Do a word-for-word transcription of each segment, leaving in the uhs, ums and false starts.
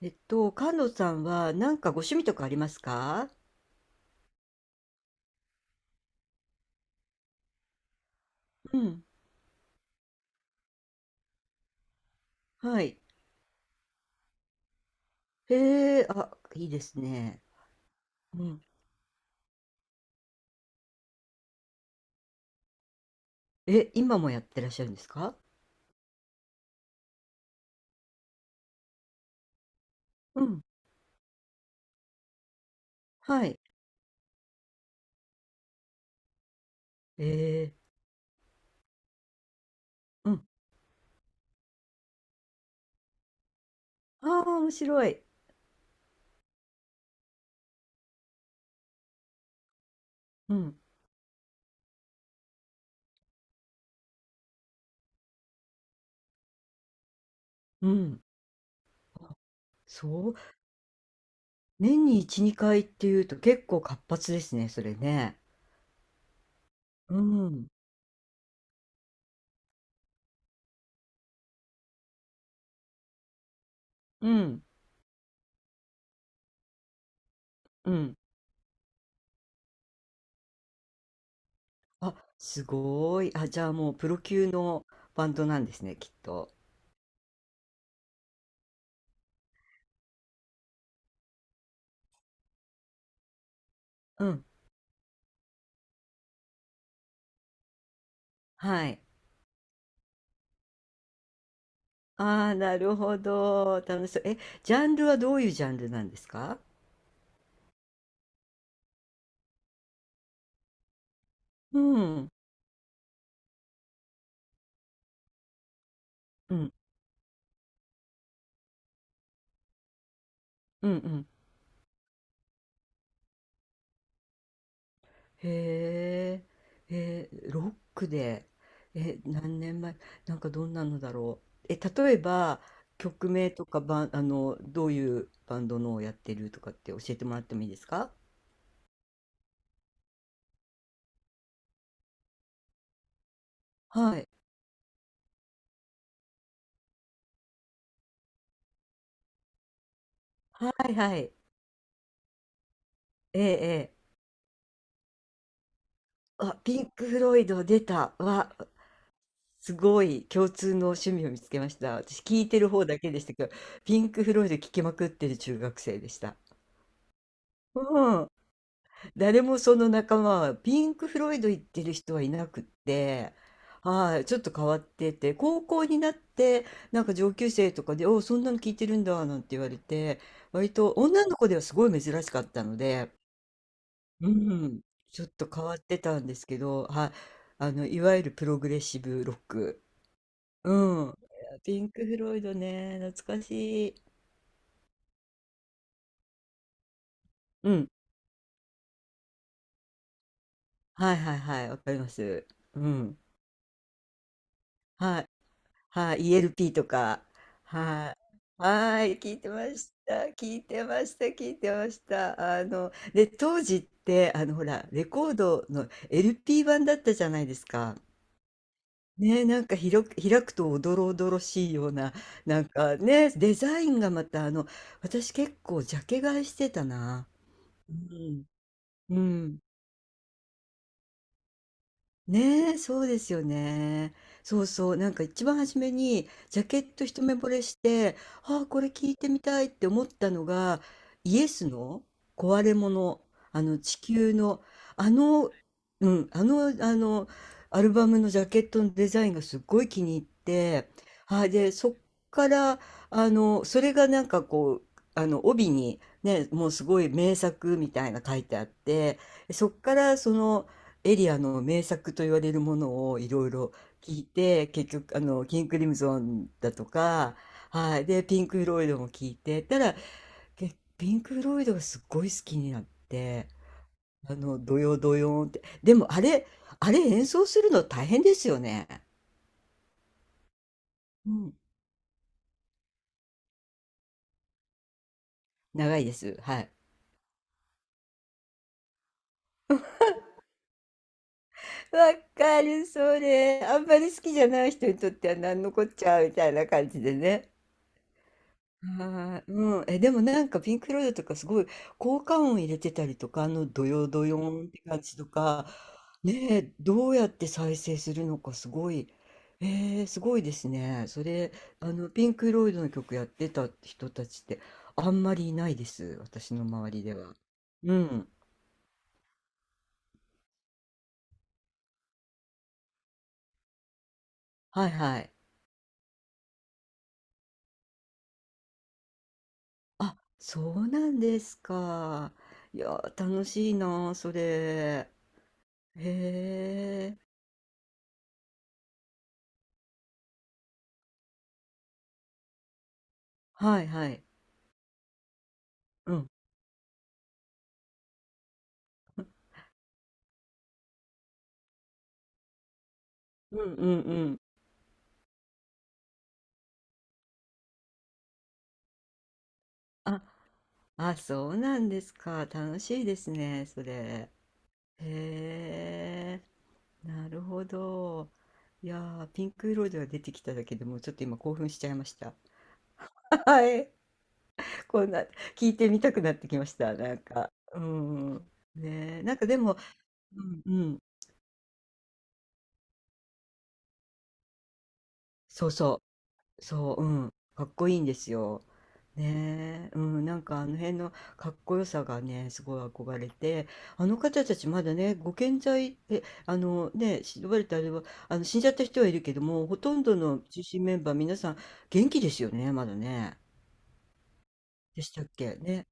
えっと、菅野さんはなんかご趣味とかありますか？うん。はい。へえ、あ、いいですね。うん。え、今もやってらっしゃるんですか？うん。はい。ええ、うん。ああ、面白い。うん。うん。あそう。年にいち、にかいっていうと結構活発ですね、それね。うん。うん。うん。あ、すごい。あ、じゃあもうプロ級のバンドなんですね、きっと。うん。はい。ああ、なるほど。楽しそう。え、ジャンルはどういうジャンルなんですか？うん。うん。うんうん。へえ。えー、ロックで。え、何年前、なんかどんなのだろう。え、例えば、曲名とかバン、あの、どういうバンドのをやってるとかって教えてもらってもいいですか？はい。はいはい。ええ、ええ。あ、ピンク・フロイド出た。わ、すごい共通の趣味を見つけました。私聞いてる方だけでしたけど、ピンク・フロイド聴きまくってる中学生でした。うん、誰もその仲間はピンク・フロイド行ってる人はいなくって、はい、ちょっと変わってて、高校になってなんか上級生とかで、おうそんなの聞いてるんだなんて言われて、割と女の子ではすごい珍しかったので、うん、ちょっと変わってたんですけど、はい、あのいわゆるプログレッシブロック。うん。いやピンク・フロイドね、懐かしい。うん。はいはいはい、わかります。うん。はい。はい。イーエル l p とか。はい。はい。聞いてました。聞いてました。聞いてました。あの、で、当時って、あの、ほら、レコードの エルピー 版だったじゃないですか。ね、なんか広く、開くとおどろおどろしいような、なんかね、デザインがまた、あの、私結構ジャケ買いしてたな。うん。うん。ね、えそうですよね。そうそう。なんか一番初めにジャケット一目惚れして、ああ、これ聞いてみたいって思ったのが、イエスの壊れ物、あの地球の、あの、うん、あの、あの、アルバムのジャケットのデザインがすっごい気に入って、ああ、で、そっから、あの、それがなんかこう、あの、帯にね、もうすごい名作みたいな書いてあって、そっからその、エリアの名作と言われるものをいろいろ聞いて、結局、あの、キング・クリムゾンだとか、はい、で、ピンク・フロイドも聞いて、たらけピンク・フロイドがすごい好きになって、あの、ドヨドヨーンって、でもあれ、あれ演奏するの大変ですよね。うん、長いです。はい。わかる、それ。あんまり好きじゃない人にとっては何のこっちゃみたいな感じでね。はい、うん、え、でもなんかピンク・フロイドとかすごい効果音入れてたりとか、あのドヨドヨンって感じとか、ねえ、どうやって再生するのかすごい、えー、すごいですね。それ、あのピンク・フロイドの曲やってた人たちってあんまりいないです、私の周りでは。うん、はいはい。あ、そうなんですか。いや、楽しいな、それ。へえ、はいはい。うん、うんうんうん。あ、あ、そうなんですか。楽しいですね、それ。へえ、なるほど。いやー、ピンク色では出てきただけでもうちょっと今興奮しちゃいました。はい。こんな、聞いてみたくなってきました、なんか。うん。ねえ、なんかでも、うん、うん。そうそう。そう、うん、かっこいいんですよ。ねえ、うん、なんかあの辺のかっこよさがね、すごい憧れて、あの方たちまだね、ご健在、え、あのね、呼ばれたあれは、あの死んじゃった人はいるけども、ほとんどの中心メンバー、皆さん元気ですよね、まだね。でしたっけね。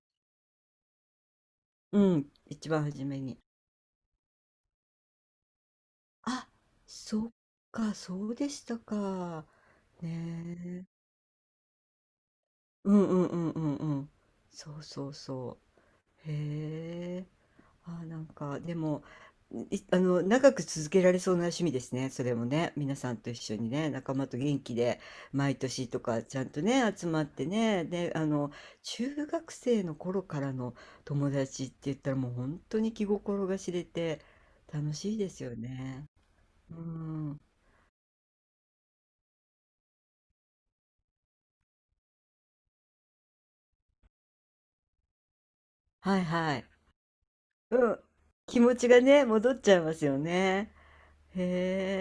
うん、一番初めに。あ、そっか、そうでしたか。ねえ。うんうんうんうんうん。そうそうそう。へえ。ああ、なんか、でも、いあの、長く続けられそうな趣味ですね、それもね。皆さんと一緒にね、仲間と元気で、毎年とか、ちゃんとね、集まってね。で、あの、中学生の頃からの友達って言ったら、もう本当に気心が知れて、楽しいですよね。うん。はいはい。うん。気持ちがね、戻っちゃいますよね。へ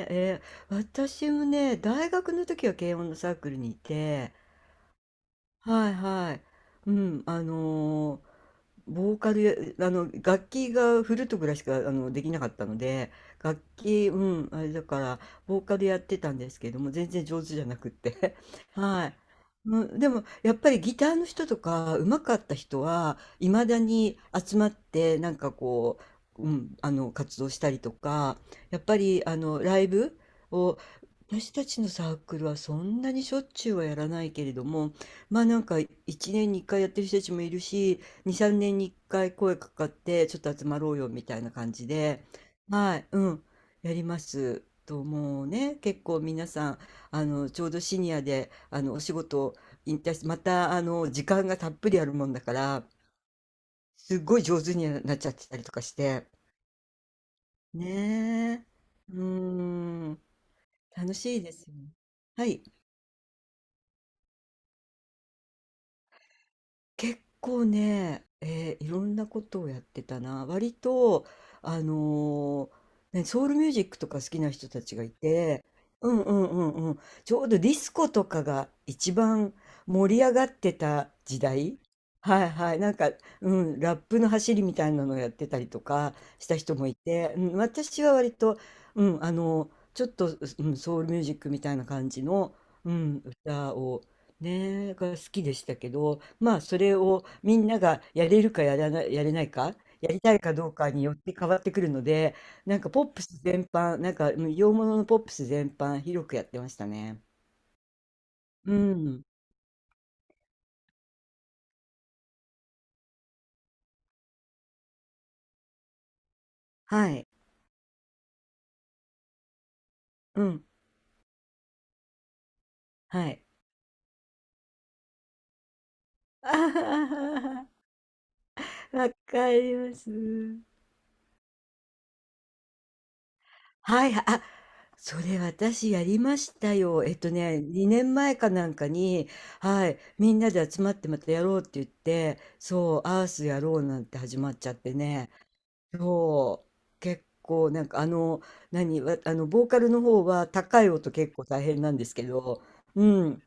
え、えー私もね、大学の時は軽音のサークルにいて、はいはい。うん、あのボーカルや、あの、楽器がフルートぐらいしか、あの、できなかったので、楽器、うん、あれだから、ボーカルやってたんですけども、全然上手じゃなくって。はい。うん、でも、やっぱりギターの人とか、上手かった人は、いまだに集まって、なんかこう、うん、あの、活動したりとか、やっぱり、あの、ライブを、私たちのサークルはそんなにしょっちゅうはやらないけれども、まあなんかいちねんにいっかいやってる人たちもいるし、に、さんねんにいっかい声かかって、ちょっと集まろうよみたいな感じで、はい、うん、やります。と、もうね、結構皆さん、あの、ちょうどシニアで、あの、お仕事を引退して、また、あの、時間がたっぷりあるもんだから、すっごい上手になっちゃってたりとかして。ねえ。うーん、楽しいですよね。はい。結構ね、えーいろんなことをやってたな。割と、あのーね、ソウルミュージックとか好きな人たちがいて、うんうんうんうん。ちょうどディスコとかが一番盛り上がってた時代。はいはい。なんか、うん、ラップの走りみたいなのをやってたりとかした人もいて、うん、私は割と、うん、あの、ちょっと、うん、ソウルミュージックみたいな感じの、うん、歌をねえ、が好きでしたけど、まあそれをみんながやれるかやらない、やれないか、やりたいかどうかによって変わってくるので、なんかポップス全般、なんかうん洋物のポップス全般広くやってましたね。うん。はい。うん。はい。あははははわかります。はい、あ、それ私やりましたよ。えっとね、にねんまえかなんかに、はい、みんなで集まってまたやろうって言って、そう、アースやろうなんて始まっちゃってね、そう、結構なんかあの、何、わあの、ボーカルの方は高い音結構大変なんですけど、うん、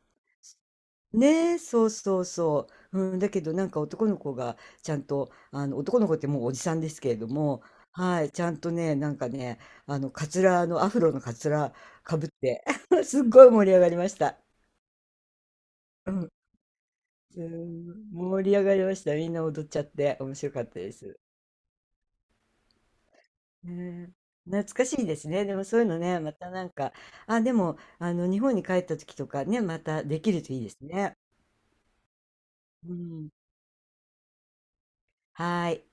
ねえ、そうそうそう。うん、だけどなんか男の子がちゃんと、あの男の子ってもうおじさんですけれども、はい、ちゃんとね、なんかね、あの、カツラの、アフロのカツラかぶって、すっごい盛り上がりました。うん、うん盛り上がりました。みんな踊っちゃって、面白かったです。ねえ、懐かしいですね。でもそういうのね、またなんか、あ、でも、あの、日本に帰った時とかね、またできるといいですね。うん、はい。